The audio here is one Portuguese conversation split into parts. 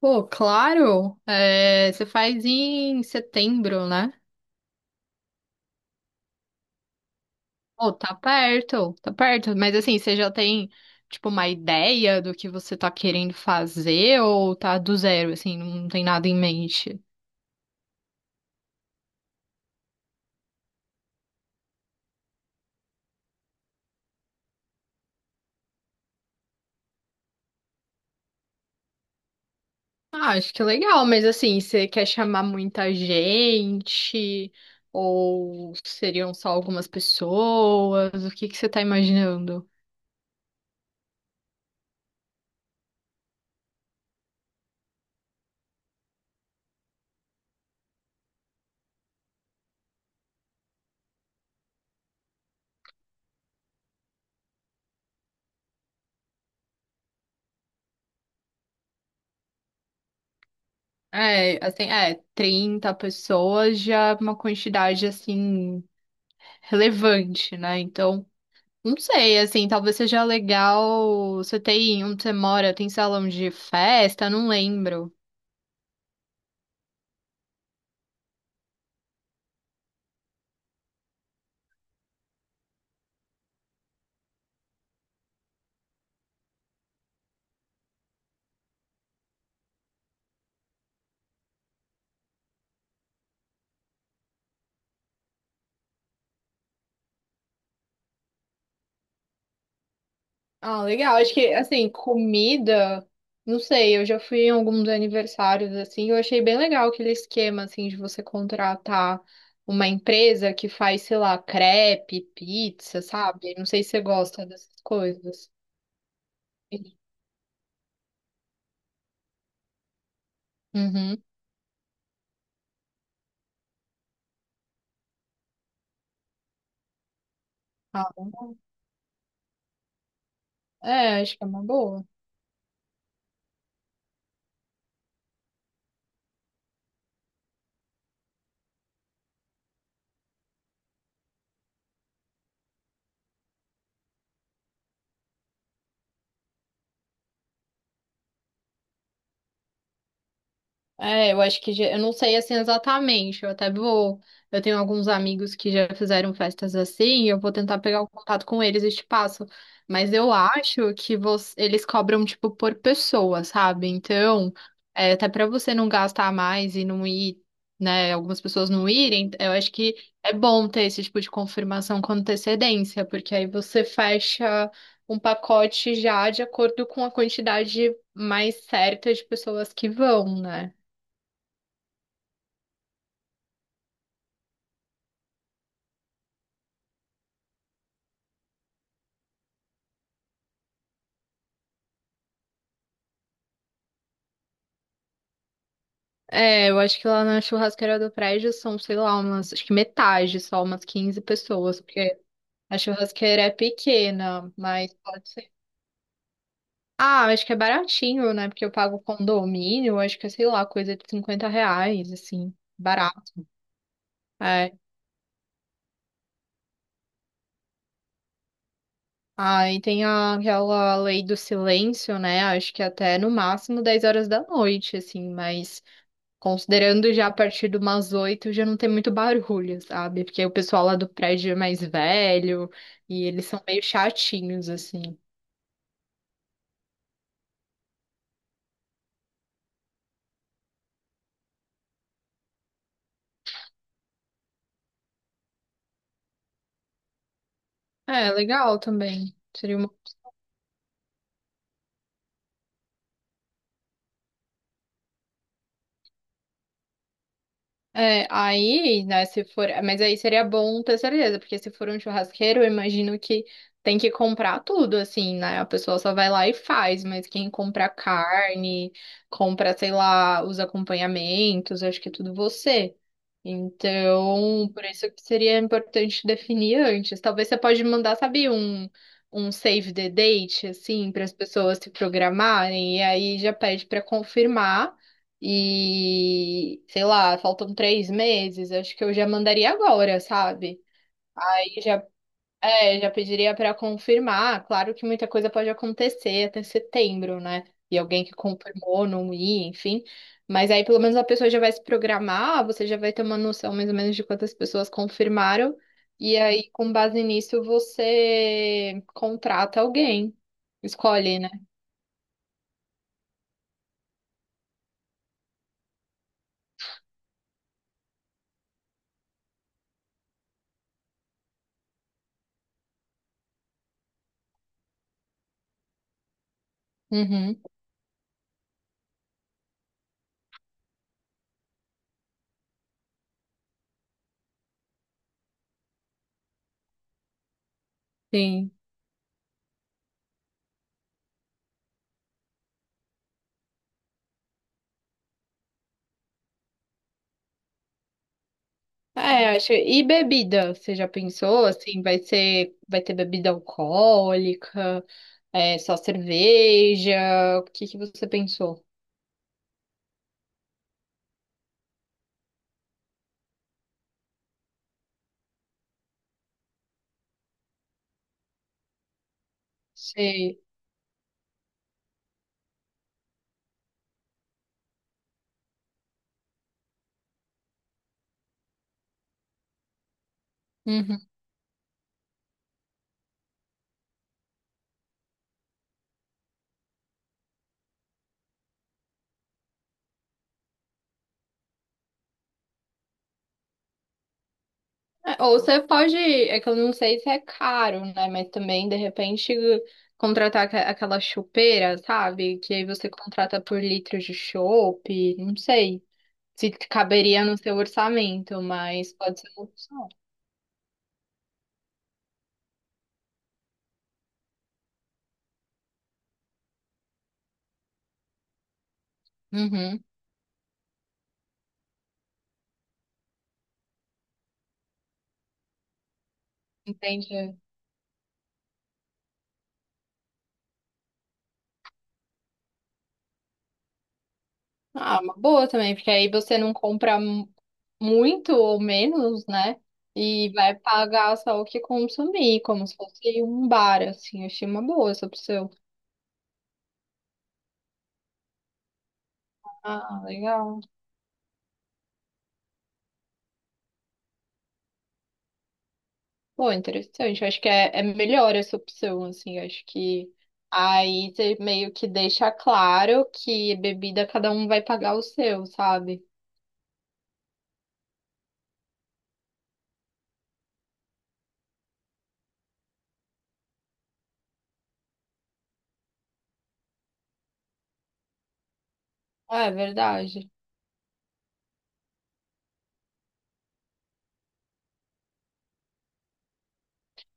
Pô, claro, é, você faz em setembro, né? Pô, tá perto, tá perto. Mas assim, você já tem, tipo, uma ideia do que você tá querendo fazer ou tá do zero, assim, não tem nada em mente? Ah, acho que é legal, mas assim, você quer chamar muita gente ou seriam só algumas pessoas? O que que você tá imaginando? É, assim, é, 30 pessoas já é uma quantidade, assim, relevante, né? Então, não sei, assim, talvez seja legal. Você tem onde você mora, tem salão de festa, não lembro. Ah, legal. Acho que, assim, comida, não sei, eu já fui em alguns aniversários, assim, eu achei bem legal aquele esquema, assim, de você contratar uma empresa que faz, sei lá, crepe, pizza, sabe? Não sei se você gosta dessas coisas. Uhum. Ah, é, acho que é uma boa. É, eu acho que já, eu não sei assim exatamente. Eu até vou. Eu tenho alguns amigos que já fizeram festas assim, e eu vou tentar pegar o contato com eles e te passo. Mas eu acho que você, eles cobram, tipo, por pessoa, sabe? Então, é, até pra você não gastar mais e não ir, né? Algumas pessoas não irem, eu acho que é bom ter esse tipo de confirmação com antecedência, porque aí você fecha um pacote já de acordo com a quantidade mais certa de pessoas que vão, né? É, eu acho que lá na churrasqueira do prédio são, sei lá, umas, acho que metade, só umas 15 pessoas, porque a churrasqueira é pequena, mas pode ser. Ah, acho que é baratinho, né? Porque eu pago condomínio, acho que é, sei lá, coisa de R$ 50, assim, barato. É. Aí tem aquela lei do silêncio, né? Acho que até no máximo 10 horas da noite, assim, mas considerando já a partir de umas oito, já não tem muito barulho, sabe? Porque o pessoal lá do prédio é mais velho e eles são meio chatinhos, assim. É, legal também. Seria uma. É, aí, né, se for, mas aí seria bom ter certeza, porque se for um churrasqueiro, eu imagino que tem que comprar tudo, assim, né? A pessoa só vai lá e faz, mas quem compra carne, compra, sei lá, os acompanhamentos, acho que é tudo você. Então, por isso que seria importante definir antes. Talvez você pode mandar, sabe, um save the date, assim, para as pessoas se programarem, e aí já pede para confirmar. E, sei lá, faltam 3 meses, acho que eu já mandaria agora, sabe? Aí já, é, já pediria para confirmar. Claro que muita coisa pode acontecer até setembro, né? E alguém que confirmou não ir, enfim. Mas aí pelo menos a pessoa já vai se programar, você já vai ter uma noção mais ou menos de quantas pessoas confirmaram. E aí, com base nisso, você contrata alguém, escolhe, né? Uhum, sim. É, acho. E bebida? Você já pensou assim? Vai ser, vai ter bebida alcoólica? É só cerveja? O que que você pensou? Sei. Uhum. É, ou você pode, é que eu não sei se é caro, né? Mas também, de repente, contratar aquela chopeira, sabe? Que aí você contrata por litro de chopp, não sei se caberia no seu orçamento, mas pode ser uma opção. Uhum. Entende? Ah, uma boa também, porque aí você não compra muito ou menos, né? E vai pagar só o que consumir, como se fosse um bar, assim. Eu achei uma boa essa opção. Ah, legal. Pô, interessante. Eu acho que é, é melhor essa opção, assim. Eu acho que aí você meio que deixa claro que bebida cada um vai pagar o seu, sabe? Ah, é verdade.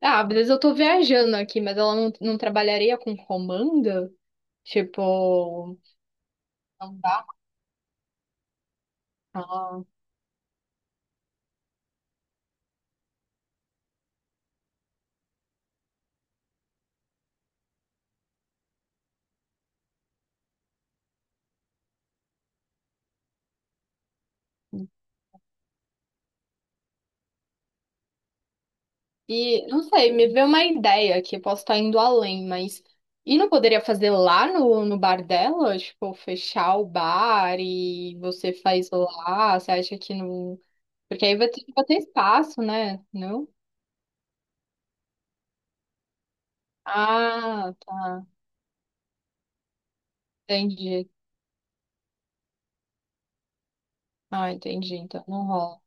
Ah, às vezes eu tô viajando aqui, mas ela não, não trabalharia com comanda? Tipo, não dá? Ah, e não sei, me veio uma ideia que eu posso estar indo além, mas e não poderia fazer lá no bar dela? Tipo, fechar o bar e você faz lá, você acha que não. Porque aí vai ter espaço, né? Não? Ah, tá. Entendi. Ah, entendi. Então não rola.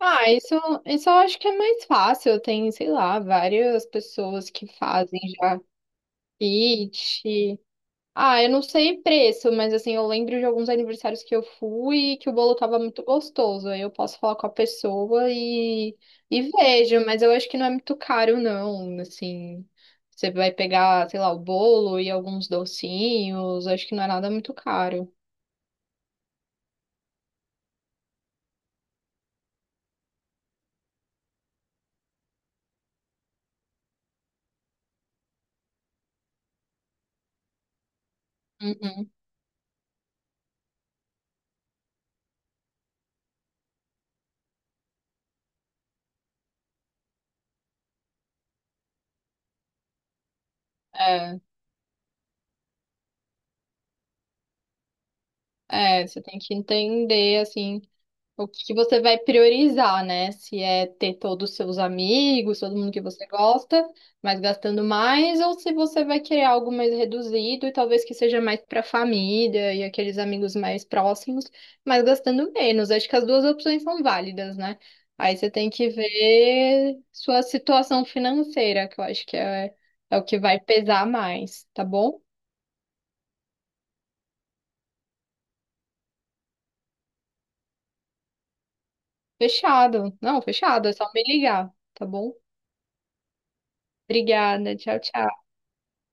Ah, isso eu acho que é mais fácil. Tem, sei lá, várias pessoas que fazem já kit. Ah, eu não sei preço, mas assim, eu lembro de alguns aniversários que eu fui e que o bolo tava muito gostoso. Aí eu posso falar com a pessoa e vejo, mas eu acho que não é muito caro, não. Assim, você vai pegar, sei lá, o bolo e alguns docinhos, acho que não é nada muito caro. Uhum. É, é, você tem que entender, assim. O que que você vai priorizar, né? Se é ter todos os seus amigos, todo mundo que você gosta, mas gastando mais, ou se você vai querer algo mais reduzido e talvez que seja mais para a família e aqueles amigos mais próximos, mas gastando menos. Acho que as duas opções são válidas, né? Aí você tem que ver sua situação financeira, que eu acho que é, é o que vai pesar mais, tá bom? Fechado. Não, fechado, é só me ligar, tá bom? Obrigada, tchau, tchau.